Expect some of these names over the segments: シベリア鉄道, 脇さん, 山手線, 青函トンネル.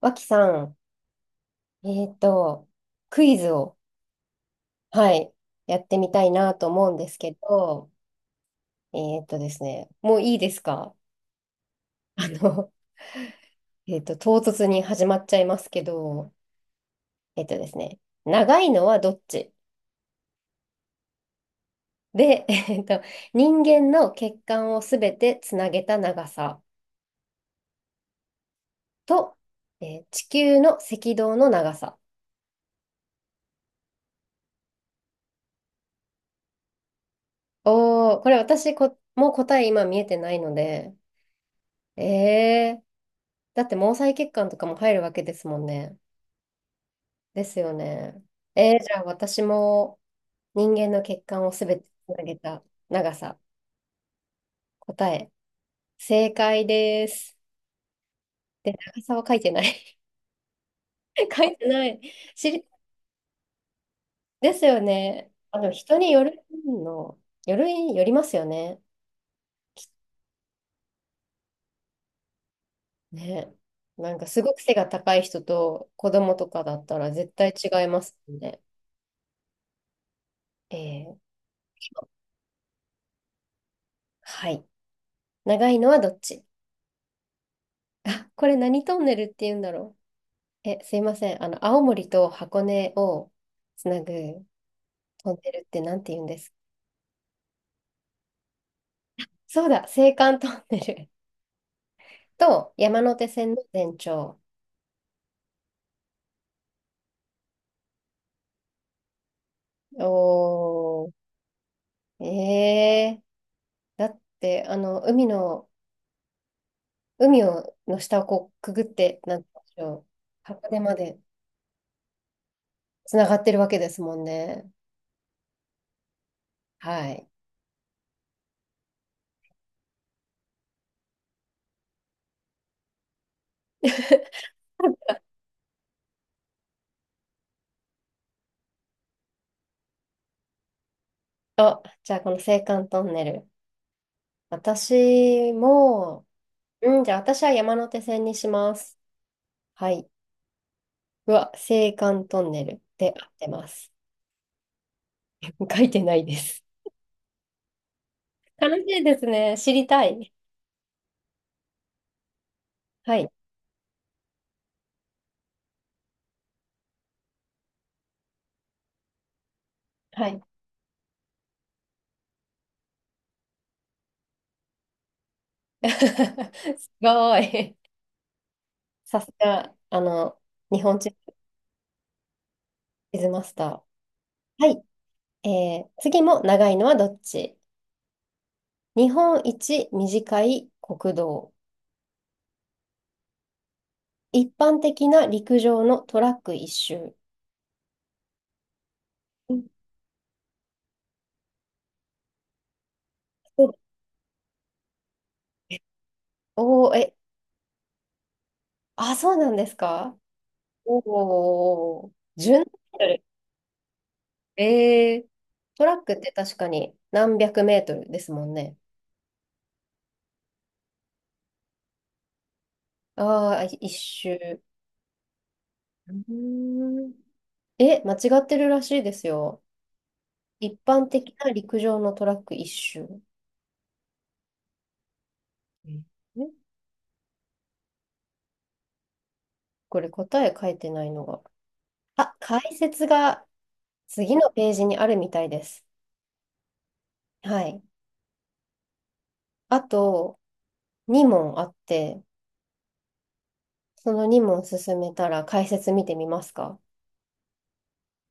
脇さん、クイズを、はい、やってみたいなと思うんですけど、えっとですね、もういいですか？ あの、唐突に始まっちゃいますけど、えっとですね、長いのはどっちで、人間の血管をすべてつなげた長さと、地球の赤道の長さ。おー、これもう答え今見えてないので、えー、だって毛細血管とかも入るわけですもんね。ですよね。じゃあ私も人間の血管をすべてつなげた長さ、答え、正解です。で、長さは書いてない。書いてない。知り、ですよね。あの、人によるの、よる、よりますよね。ね。なんかすごく背が高い人と子供とかだったら絶対違いますよね。えー、はい。長いのはどっち？ あ、これ何トンネルって言うんだろう。すいません。青森と箱根をつなぐトンネルってなんて言うんですか？そうだ、青函トンネル。 と山手線の全長。おー、だって、海をの下をこうくぐって、なんて言うんでしょう、箱根までつながってるわけですもんね。はい。あ、じゃあこの青函トンネル。私も、うん、じゃあ私は山手線にします。はい。うわ、青函トンネルで合ってます。書いてないです。楽しいですね。知りたい。はい。はい。すごい。さすが、日本地図マスター。はい。次も長いのはどっち？日本一短い国道。一般的な陸上のトラック一周。うん。おおー、あ、そうなんですか？おおー、1 7キロル。ええ、トラックって確かに何百メートルですもんね。ああ、一周。うーん。間違ってるらしいですよ。一般的な陸上のトラック一周。ええ、これ答え書いてないのが。あ、解説が次のページにあるみたいです。はい。あと2問あって、その2問進めたら解説見てみますか？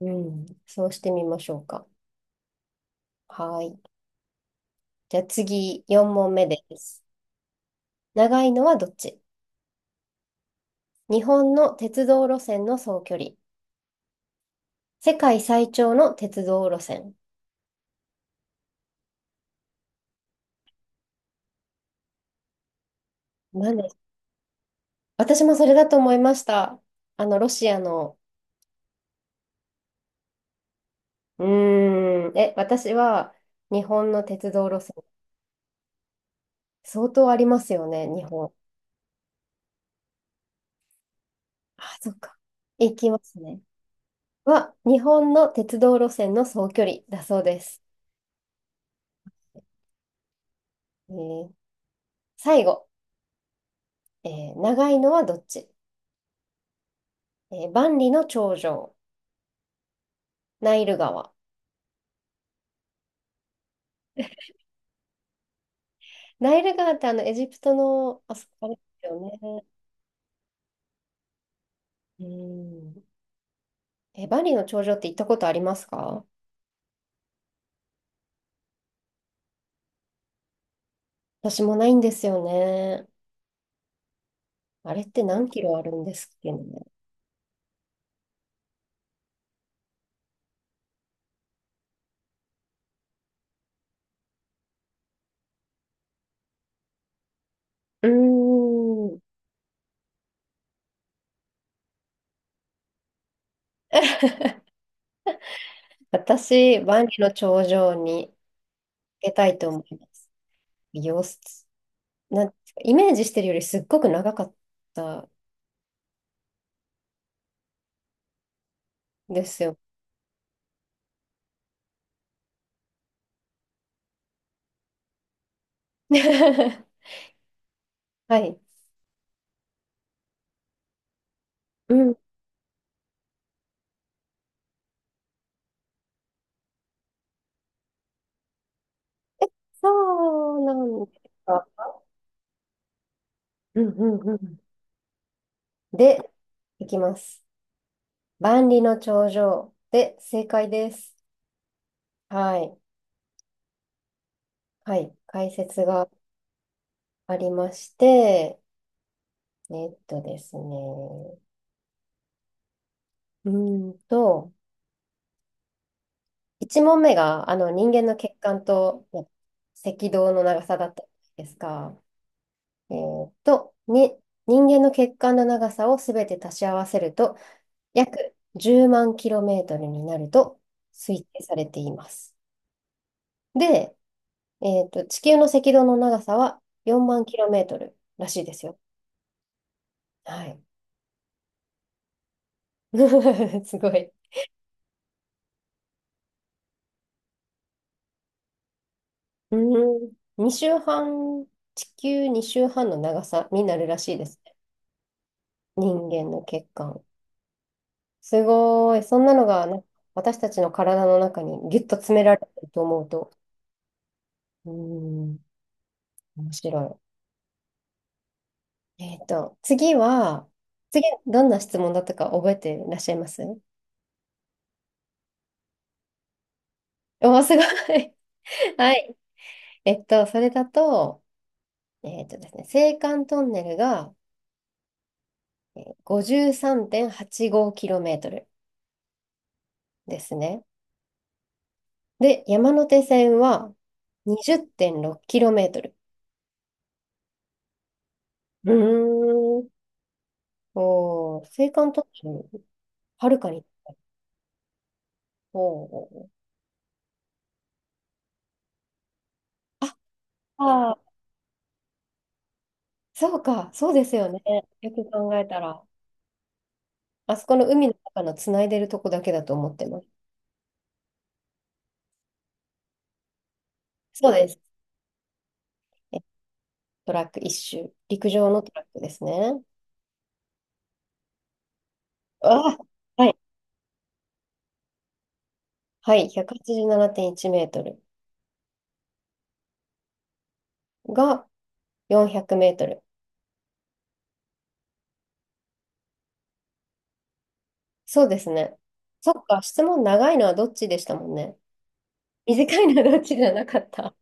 うん。そうしてみましょうか。はい。じゃあ次4問目です。長いのはどっち？日本の鉄道路線の総距離。世界最長の鉄道路線。なんで私もそれだと思いました。ロシアの。うーん。私は日本の鉄道路線。相当ありますよね、日本。あ、そっか。行きますね。日本の鉄道路線の総距離だそうです。えー最後、え長いのはどっち？万里の長城、ナイル川。ナイル川ってあのエジプトの、あそこあれですよね。うん。バリの頂上って行ったことありますか？私もないんですよね。あれって何キロあるんですっけね。うーん。私、バリの頂上に行けたいと思います。様子、なんていうかイメージしてるよりすっごく長かったですよ。はい。うん。そうなんですか？うんうんうん。で、行きます。万里の長城で正解です。はい。はい。解説がありまして、えっとですね。うーんと、1問目が、人間の血管と赤道の長さだったんですが、えっと、に、人間の血管の長さをすべて足し合わせると、約10万キロメートルになると推定されています。で、地球の赤道の長さは4万キロメートルらしいですよ。はい。すごい。うん。2週半、地球2週半の長さになるらしいですね。人間の血管。すごい。そんなのがな、私たちの体の中にギュッと詰められてると思うと。うん。面白い。次、どんな質問だったか覚えていらっしゃいますおー、すごい。はい。それだと、えっとですね、青函トンネルが5 3 8 5トルですね。で、山手線は2 0 6キロメートル。うーん。おー、青函トンネル、はるかに。おー。あ、あーそうか、そうですよね。よく考えたら。あそこの海の中のつないでるとこだけだと思ってます。そうです。えトラック一周。陸上のトラックですね。あ、はい。はい、187.1メートルが400メートル。そうですね。そっか、質問長いのはどっちでしたもんね。短いのはどっちじゃなかった。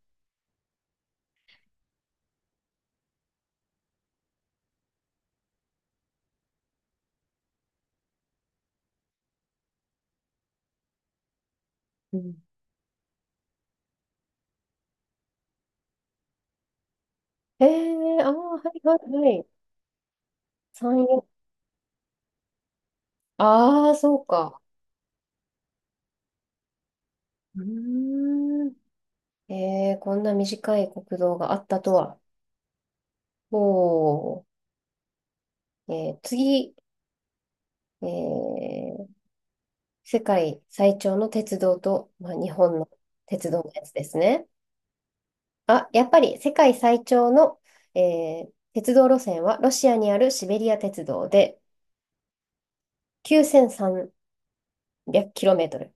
うん。ああ、はいはいはい。3、4。ああ、そうか。うーん。こんな短い国道があったとは。おー。次、えー、世界最長の鉄道と、まあ、日本の鉄道のやつですね。あ、やっぱり世界最長の、鉄道路線はロシアにあるシベリア鉄道で 9300km。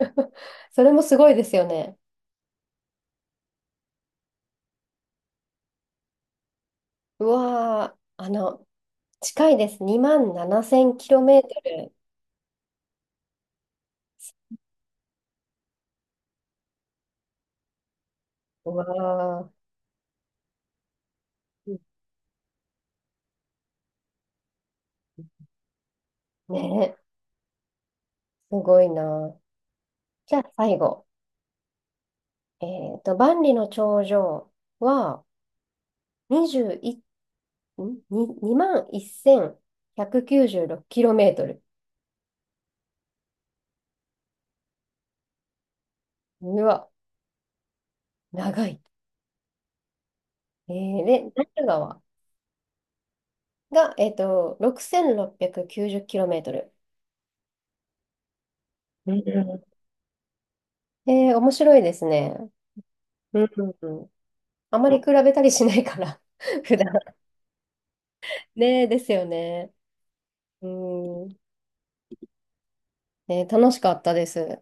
それもすごいですよね。うわー、近いです。2万 7000km。うわー、ねえ、すごいな。じゃあ最後。え万里の長城は21、2万1ロ9 6 k m。 うわ、長い。で、ナイル川が、6690キロメートル。うん。面白いですね。うん、うん。あまり比べたりしないから 普段。ねえ、ですよね。うん。ね楽しかったです。